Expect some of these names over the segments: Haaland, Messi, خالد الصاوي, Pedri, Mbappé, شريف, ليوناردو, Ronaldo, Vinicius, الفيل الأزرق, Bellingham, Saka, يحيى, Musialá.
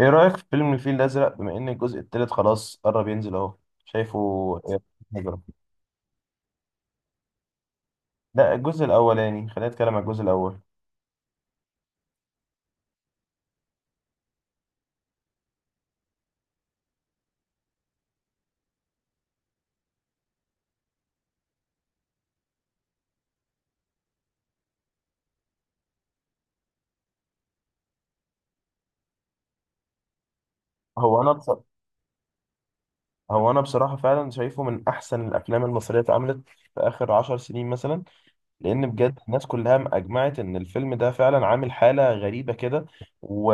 ايه رأيك في فيلم الفيل الأزرق؟ بما ان الجزء التالت خلاص قرب ينزل اهو. شايفه إيه؟ هجرة. لا، الجزء الاولاني، خلينا نتكلم عن الجزء الاول. هو انا بص... هو انا بصراحة فعلا شايفه من احسن الافلام المصرية اتعملت في اخر 10 سنين مثلا. لان بجد الناس كلها اجمعت ان الفيلم ده فعلا عامل حاله غريبه كده. و...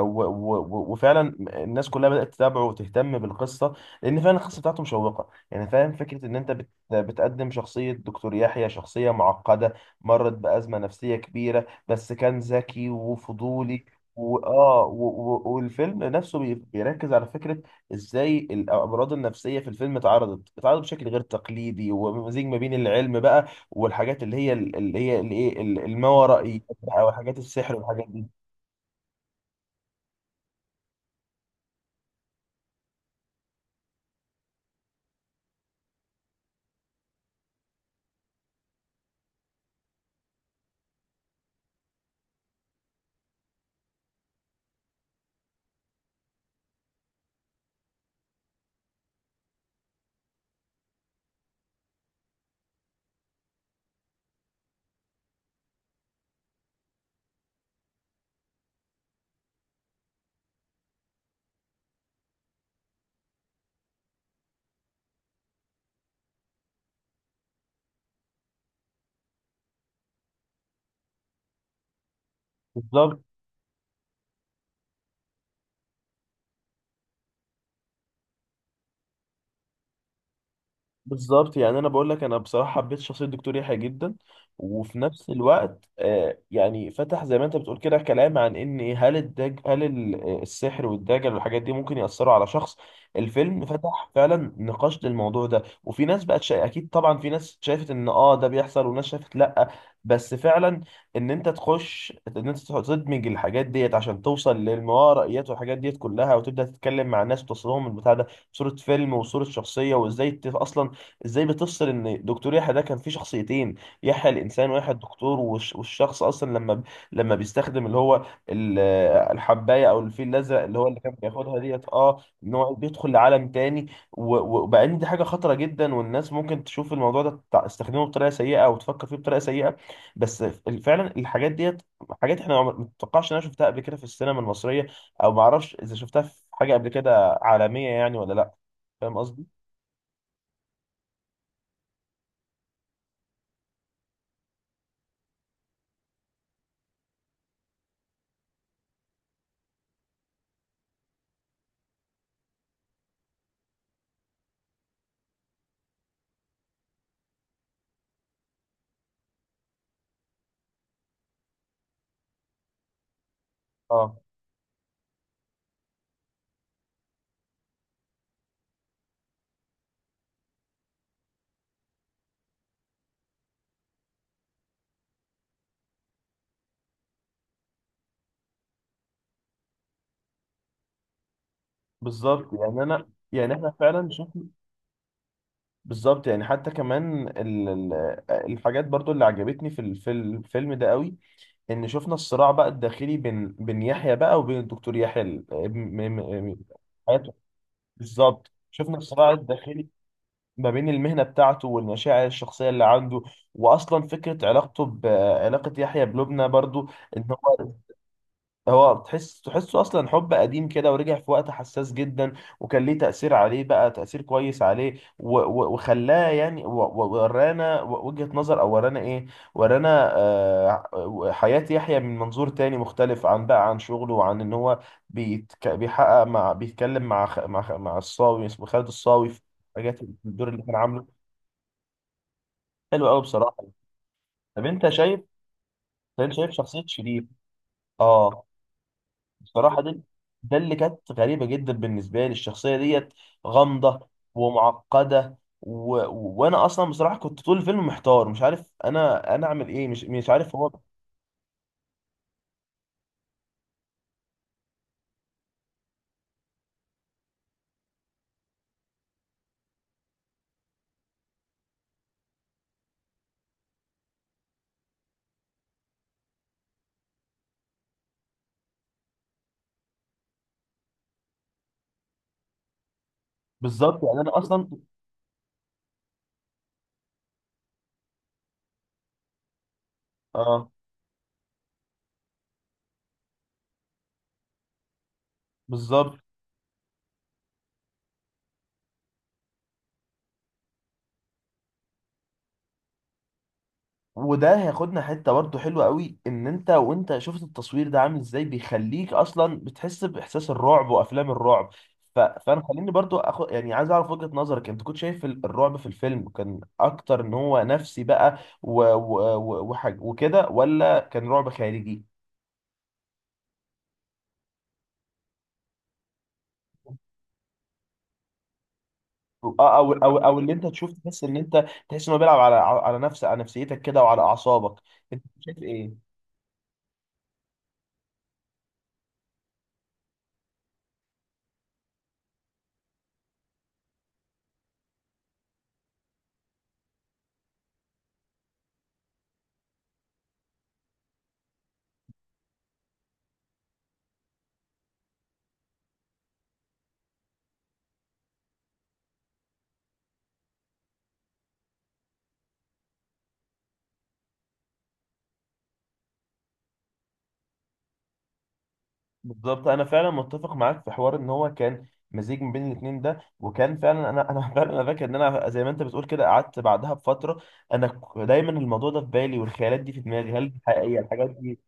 وفعلا الناس كلها بدات تتابعه وتهتم بالقصه، لان فعلا القصه بتاعته مشوقه. يعني فاهم فكره ان انت بتقدم شخصيه دكتور يحيى، شخصيه معقده مرت بازمه نفسيه كبيره، بس كان ذكي وفضولي. والفيلم نفسه بيركز على فكرة ازاي الأمراض النفسية في الفيلم اتعرضت بشكل غير تقليدي، ومزيج ما بين العلم بقى والحاجات اللي هي الما ورائيات، او حاجات السحر والحاجات دي. بالظبط بالظبط، يعني انا بقول لك، انا بصراحه حبيت شخصيه الدكتور يحيى جدا، وفي نفس الوقت يعني فتح زي ما انت بتقول كده كلام عن ان هل الدج هل ال- آه، السحر والدجل والحاجات دي ممكن ياثروا على شخص. الفيلم فتح فعلا نقاش للموضوع ده، وفي ناس اكيد طبعا في ناس شافت ان ده بيحصل، وناس شافت لا. بس فعلا ان انت تخش، ان انت تدمج الحاجات ديت عشان توصل للموارائيات والحاجات ديت كلها، وتبدا تتكلم مع الناس وتوصلهم البتاع ده صورة فيلم وصورة شخصية. وازاي اصلا ازاي بتفصل ان دكتور يحيى ده كان فيه شخصيتين، يحيى الانسان ويحيى الدكتور، والشخص اصلا لما بيستخدم اللي هو ال- الحبايه او الفيل الازرق اللي هو اللي كان بياخدها ديت، ان هو بيدخل لعالم تاني. وبقى ان دي حاجه خطره جدا، والناس ممكن تشوف الموضوع ده تستخدمه بطريقه سيئه او تفكر فيه بطريقه سيئه. بس فعلا الحاجات ديت حاجات احنا ما تتوقعش ان انا شفتها قبل كده في السينما المصريه، او ما اعرفش اذا شفتها في حاجه قبل كده عالميه، يعني ولا لا. فاهم قصدي؟ اه. بالظبط، يعني انا، يعني احنا فعلا شفنا. بالظبط يعني حتى كمان الحاجات برضو اللي عجبتني في الفيلم ده قوي، ان شفنا الصراع بقى الداخلي بين يحيى بقى وبين الدكتور يحيى، حياته. بالظبط، شفنا الصراع الداخلي ما بين المهنة بتاعته والمشاعر الشخصية اللي عنده، واصلا فكرة علاقته، بعلاقة يحيى بلبنى برضو. ان هو هو تحسه اصلا حب قديم كده، ورجع في وقت حساس جدا، وكان ليه تأثير عليه بقى، تأثير كويس عليه، وخلاه يعني ورانا وجهة نظر، او ورانا ورانا حياة يحيى من منظور تاني مختلف، عن بقى عن شغله، وعن ان هو بيتك بيحقق، مع بيتكلم مع الصاوي، اسمه خالد الصاوي، في حاجات الدور اللي كان عامله. حلو قوي بصراحة. طب انت شايف انت شايف شخصية شريف. اه. بصراحة، ده اللي كانت غريبة جدا بالنسبة لي، الشخصية ديت غامضة ومعقدة، وانا اصلا بصراحة كنت طول الفيلم محتار، مش عارف انا اعمل ايه، مش عارف هو. بالظبط، يعني انا اصلا. اه. بالظبط، وده هياخدنا حته برضه حلوه قوي، ان انت وانت شفت التصوير ده عامل ازاي بيخليك اصلا بتحس باحساس الرعب وافلام الرعب. فانا خليني برضه اخد، يعني عايز اعرف وجهه نظرك، انت كنت شايف الرعب في الفيلم كان اكتر ان هو نفسي بقى وكده، ولا كان رعب خارجي؟ او اللي انت تشوف، تحس ان انت تحس انه بيلعب على نفسيتك كده، وعلى اعصابك. انت شايف ايه؟ بالظبط، انا فعلا متفق معاك في حوار ان هو كان مزيج من بين الاثنين ده، وكان فعلا انا فعلا انا فاكر ان انا زي ما انت بتقول كده قعدت بعدها بفتره، انا دايما الموضوع ده في بالي، والخيالات دي في دماغي، هل دي حقيقيه الحاجات دي؟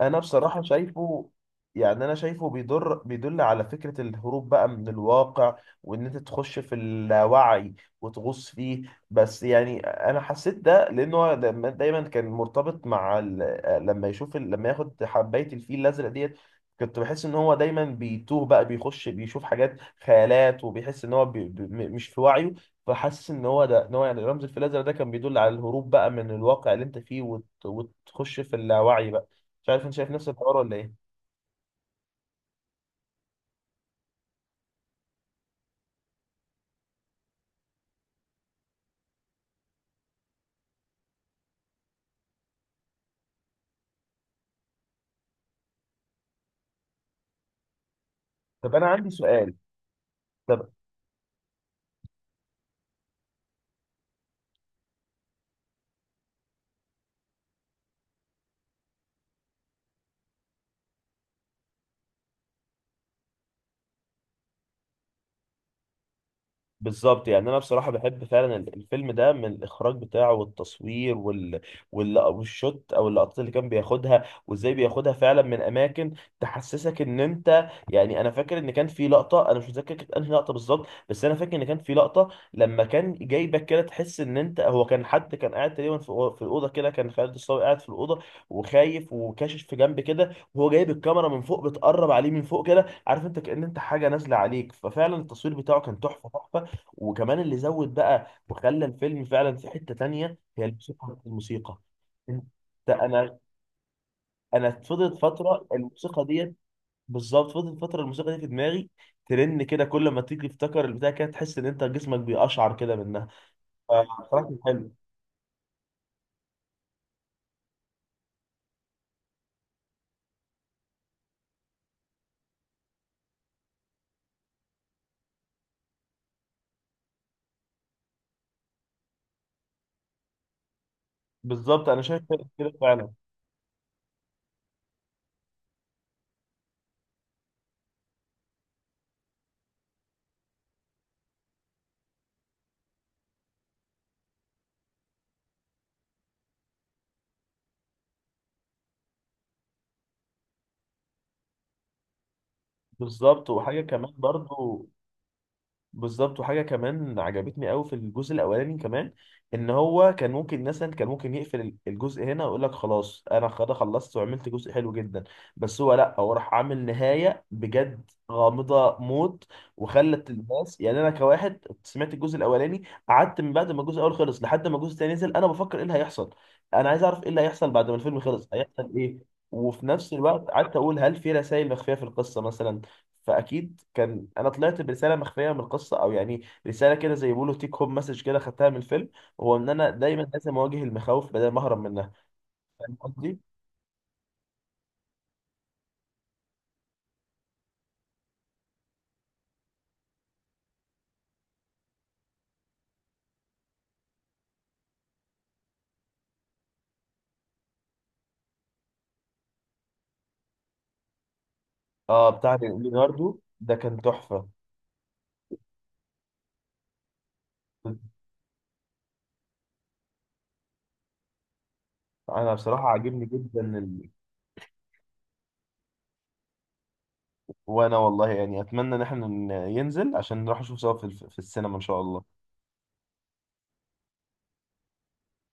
انا بصراحه شايفه، يعني انا شايفه بيدل على فكره الهروب بقى من الواقع، وان انت تخش في اللاوعي وتغوص فيه. بس يعني انا حسيت ده لانه هو دايما كان مرتبط مع ال... لما يشوف ال... لما ياخد حبايه الفيل الازرق ديت، كنت بحس ان هو دايما بيتوه بقى، بيخش بيشوف حاجات، خيالات، وبيحس ان هو مش في وعيه. فحاسس ان هو ده ان هو يعني رمز الفيل الازرق ده كان بيدل على الهروب بقى من الواقع اللي انت فيه، وتخش في اللاوعي بقى. مش عارف انت شايف نفس الحوار ولا ايه. طب انا عندي سؤال. طب. بالظبط، يعني انا بصراحه بحب فعلا الفيلم ده، من الاخراج بتاعه والتصوير، والشوت او اللقطات اللي كان بياخدها، وازاي بياخدها فعلا من اماكن تحسسك ان انت، يعني انا فاكر ان كان في لقطه، انا مش متذكر كانت انهي لقطه بالظبط، بس انا فاكر ان كان في لقطه لما كان جايبك كده تحس ان انت، هو كان حد كان قاعد تقريبا في الاوضه كده، كان خالد الصاوي قاعد في الاوضه وخايف وكاشف في جنب كده، وهو جايب الكاميرا من فوق، بتقرب عليه من فوق كده، عارف، انت كأن انت حاجه نازله عليك. ففعلا التصوير بتاعه كان تحفه تحفه. وكمان اللي زود بقى وخلى الفيلم فعلا في حتة تانية، هي الموسيقى الموسيقى. انت انا انا فضلت فترة الموسيقى ديت، بالظبط فضلت فترة الموسيقى دي في دماغي، ترن كده، كل ما تيجي تفتكر البتاع كده، تحس ان انت جسمك بيقشعر كده منها. فبصراحة كان حلو. بالظبط انا شايف كده فعلا. بالظبط وحاجة كمان برضو بالظبط وحاجه كمان عجبتني قوي في الجزء الاولاني كمان، ان هو كان ممكن مثلا، كان ممكن يقفل الجزء هنا ويقول لك خلاص، انا خلاص خلصت وعملت جزء حلو جدا، بس هو لا، هو راح عامل نهايه بجد غامضه موت، وخلت الناس، يعني انا كواحد سمعت الجزء الاولاني، قعدت من بعد ما الجزء الاول خلص لحد ما الجزء الثاني نزل، انا بفكر ايه اللي هيحصل، انا عايز اعرف ايه اللي هيحصل، بعد ما الفيلم خلص هيحصل ايه؟ وفي نفس الوقت قعدت اقول، هل في رسائل مخفيه في القصه مثلا؟ فاكيد كان، انا طلعت برساله مخفيه من القصه، او يعني رساله كده زي ما بيقولوا تيك هوم مسج كده خدتها من الفيلم، هو ان انا دايما لازم اواجه المخاوف بدل ما اهرب منها. فاهم قصدي؟ اه، بتاع ليوناردو ده كان تحفه. انا بصراحه عاجبني جدا وانا والله يعني اتمنى ان احنا ينزل عشان نروح نشوف سوا في السينما ان شاء الله.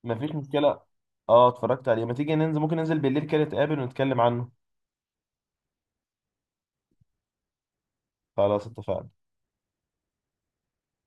مفيش مشكله. اه اتفرجت عليه. ما تيجي ننزل؟ ممكن ننزل بالليل كده نتقابل ونتكلم عنه. خلاص اتفقنا.